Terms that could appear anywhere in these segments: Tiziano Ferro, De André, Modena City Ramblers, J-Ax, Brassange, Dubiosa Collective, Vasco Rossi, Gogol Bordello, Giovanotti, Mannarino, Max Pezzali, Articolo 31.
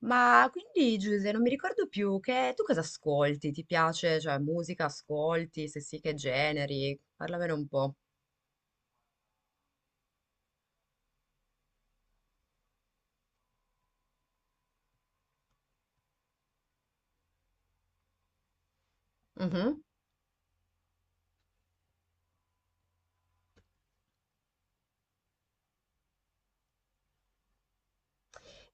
Ma quindi Giuse, non mi ricordo più che tu cosa ascolti? Ti piace, cioè musica ascolti? Se sì, che generi? Parlamene un po'. Mhm.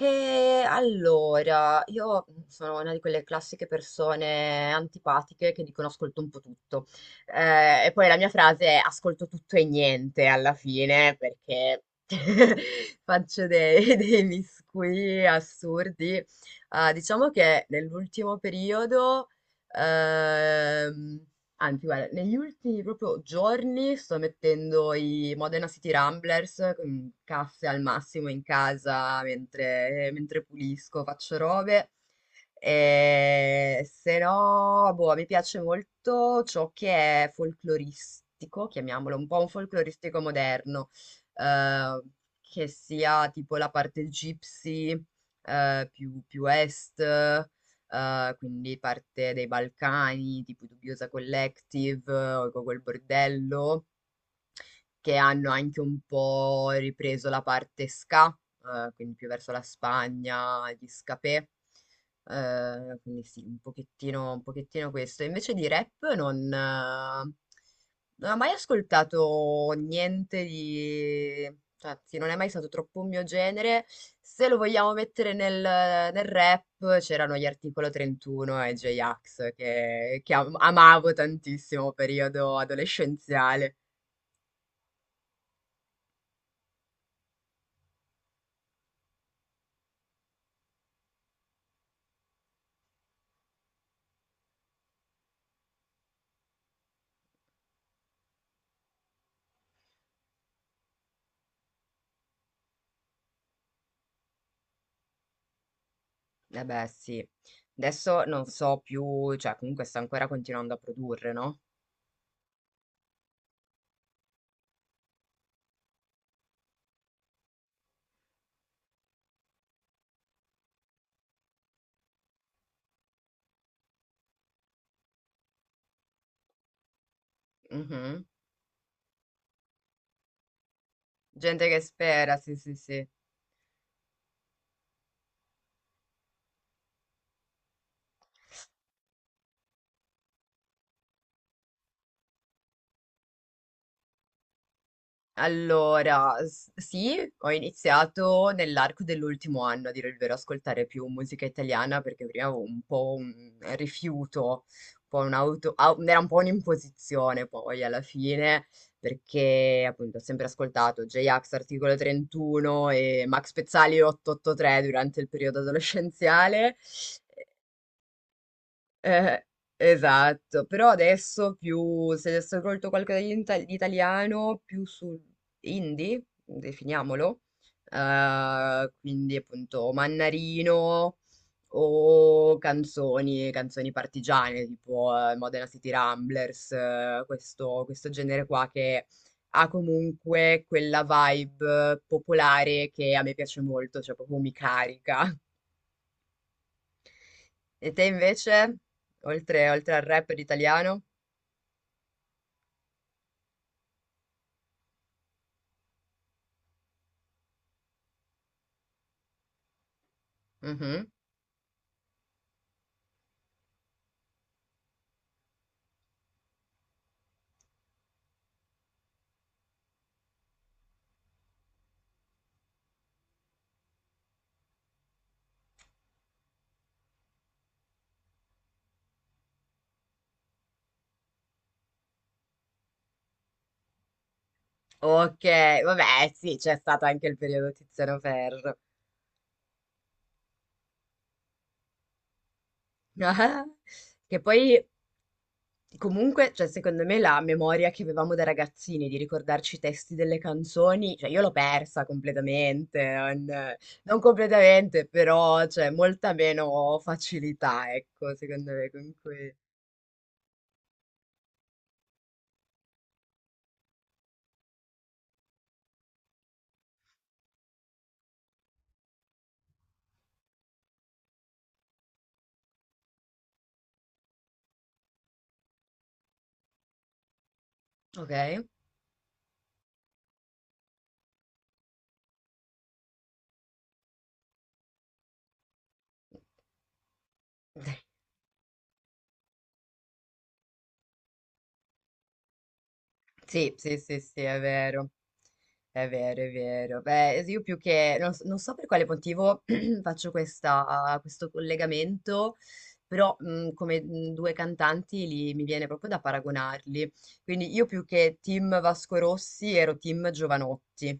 E allora, io sono una di quelle classiche persone antipatiche che dicono ascolto un po' tutto. E poi la mia frase è ascolto tutto e niente alla fine, perché faccio dei miscugli assurdi. Ah, diciamo che nell'ultimo periodo, ehm, anzi, guarda, negli ultimi proprio giorni sto mettendo i Modena City Ramblers, mm, casse al massimo in casa mentre pulisco, faccio robe. E se no, boh, mi piace molto ciò che è folcloristico, chiamiamolo un po' un folcloristico moderno, eh, che sia tipo la parte gypsy, più, più est quindi parte dai Balcani, tipo i Dubiosa Collective o i Gogol Bordello, che hanno anche un po' ripreso la parte ska, quindi più verso la Spagna, gli scapè. Quindi sì, un pochettino questo. Invece di rap non non ho mai ascoltato niente di cioè, sì, non è mai stato troppo un mio genere. Se lo vogliamo mettere nel rap, c'erano gli Articolo 31 e J-Ax che amavo tantissimo periodo adolescenziale. Eh beh, sì. Adesso non so più, cioè comunque sta ancora continuando a produrre, no? Mhm. Gente che spera, sì, sì, sì. Allora, sì, ho iniziato nell'arco dell'ultimo anno, a dire il vero, a ascoltare più musica italiana perché prima avevo un po' un rifiuto, un po' un'auto, au- era un po' un'imposizione poi alla fine, perché appunto ho sempre ascoltato J-Ax, Articolo 31 e Max Pezzali 883 durante il periodo adolescenziale eh, esatto, però adesso più, se adesso hai colto qualcosa di di italiano, più su indie, definiamolo, quindi appunto Mannarino o canzoni, canzoni partigiane, tipo Modena City Ramblers, questo genere qua che ha comunque quella vibe popolare che a me piace molto, cioè proprio mi carica. E te invece, oltre al rap ed italiano? Mhm. Ok, vabbè, sì, c'è stato anche il periodo Tiziano Ferro. Che poi, comunque, cioè, secondo me la memoria che avevamo da ragazzini di ricordarci i testi delle canzoni, cioè, io l'ho persa completamente, non, non completamente, però, cioè, molta meno facilità, ecco, secondo me, con cui... Ok? Sì, sì, sì, sì, è vero. È vero, è vero. Beh, io più che non, non so per quale motivo faccio questo collegamento, però come due cantanti mi viene proprio da paragonarli. Quindi io più che team Vasco Rossi ero team Giovanotti.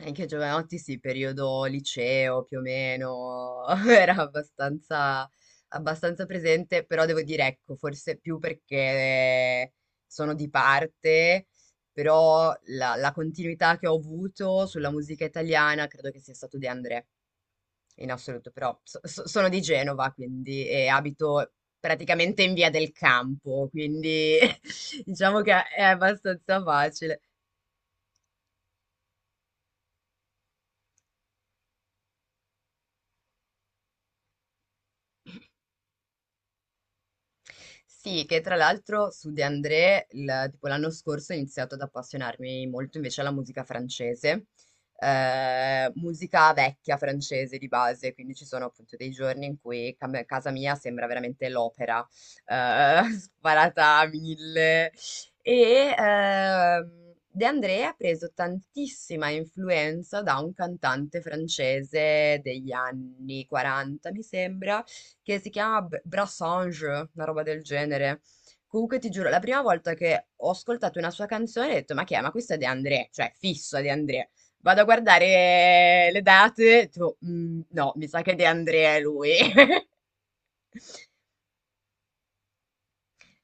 Anche a Giovanotti, sì, periodo liceo più o meno, era abbastanza, abbastanza presente, però devo dire, ecco, forse più perché sono di parte, però la continuità che ho avuto sulla musica italiana credo che sia stato De André, in assoluto, però sono di Genova, quindi, e abito praticamente in via del campo, quindi diciamo che è abbastanza facile. Sì, che tra l'altro su De André, tipo l'anno scorso ho iniziato ad appassionarmi molto invece alla musica francese, musica vecchia francese di base, quindi ci sono appunto dei giorni in cui casa mia sembra veramente l'opera, eh, sparata a mille. E De André ha preso tantissima influenza da un cantante francese degli anni 40, mi sembra che si chiama Brassange, una roba del genere. Comunque ti giuro, la prima volta che ho ascoltato una sua canzone ho detto, ma che è? Ma questa è De André, cioè fissa De André. Vado a guardare le date, tipo, "Mm, no, mi sa che De André è lui."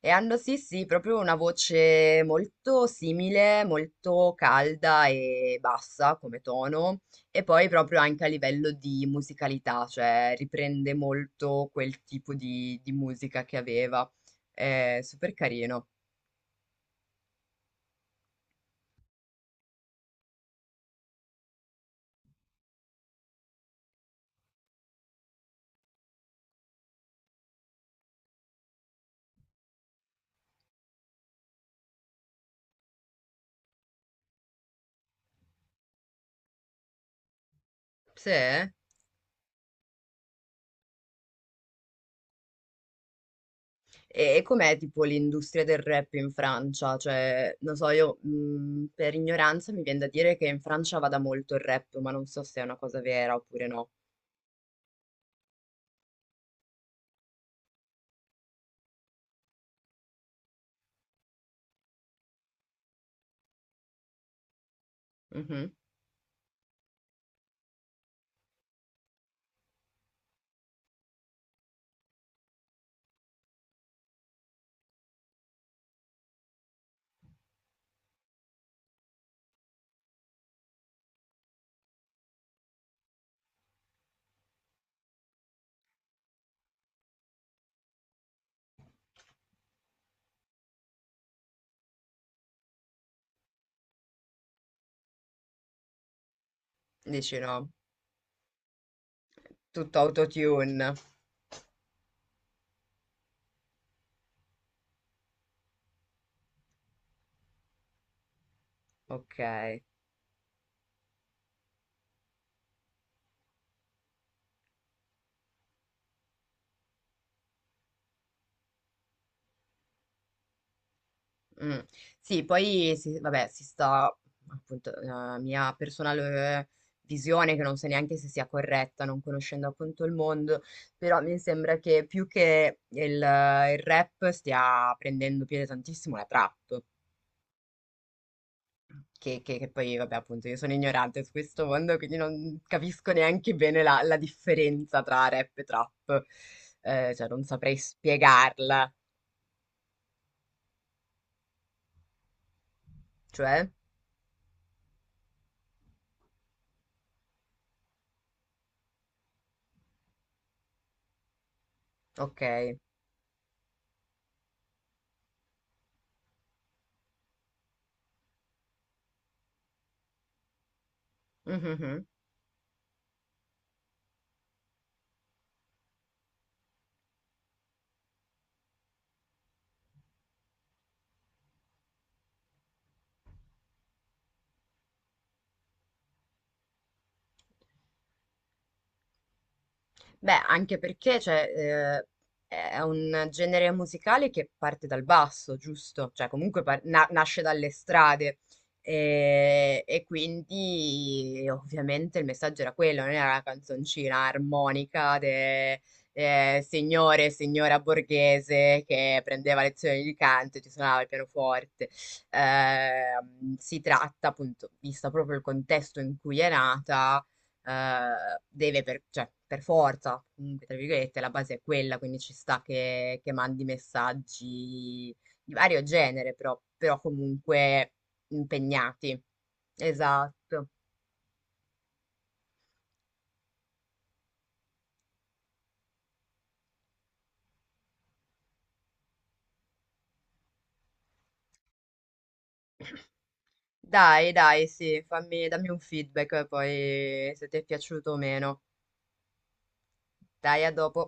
E hanno sì, sì, proprio una voce molto simile, molto calda e bassa come tono, e poi proprio anche a livello di musicalità, cioè riprende molto quel tipo di musica che aveva. È super carino. Sì. Eh? E com'è tipo l'industria del rap in Francia? Cioè, non so, io per ignoranza mi viene da dire che in Francia vada molto il rap, ma non so se è una cosa vera oppure no. Mhm. Dici no? Tutto autotune. Ok. Mm. Sì, poi si, vabbè, si sta appunto la mia personale visione che non so neanche se sia corretta, non conoscendo appunto il mondo, però mi sembra che più che il rap stia prendendo piede tantissimo la trap, che poi vabbè appunto io sono ignorante su questo mondo, quindi non capisco neanche bene la differenza tra rap e trap, eh, cioè non saprei spiegarla, cioè, ok. Mhm. Beh, anche perché cioè, è un genere musicale che parte dal basso, giusto? Cioè, comunque nasce dalle strade e quindi ovviamente il messaggio era quello, non era una canzoncina armonica de, signore e signora borghese che prendeva lezioni di canto e ti suonava il pianoforte. Si tratta, appunto, visto proprio il contesto in cui è nata deve per, cioè, per forza, comunque, tra virgolette, la base è quella, quindi ci sta che mandi messaggi di vario genere, però, però comunque impegnati. Esatto. Dai, dai, sì, fammi, dammi un feedback poi se ti è piaciuto o meno. Dai, a dopo.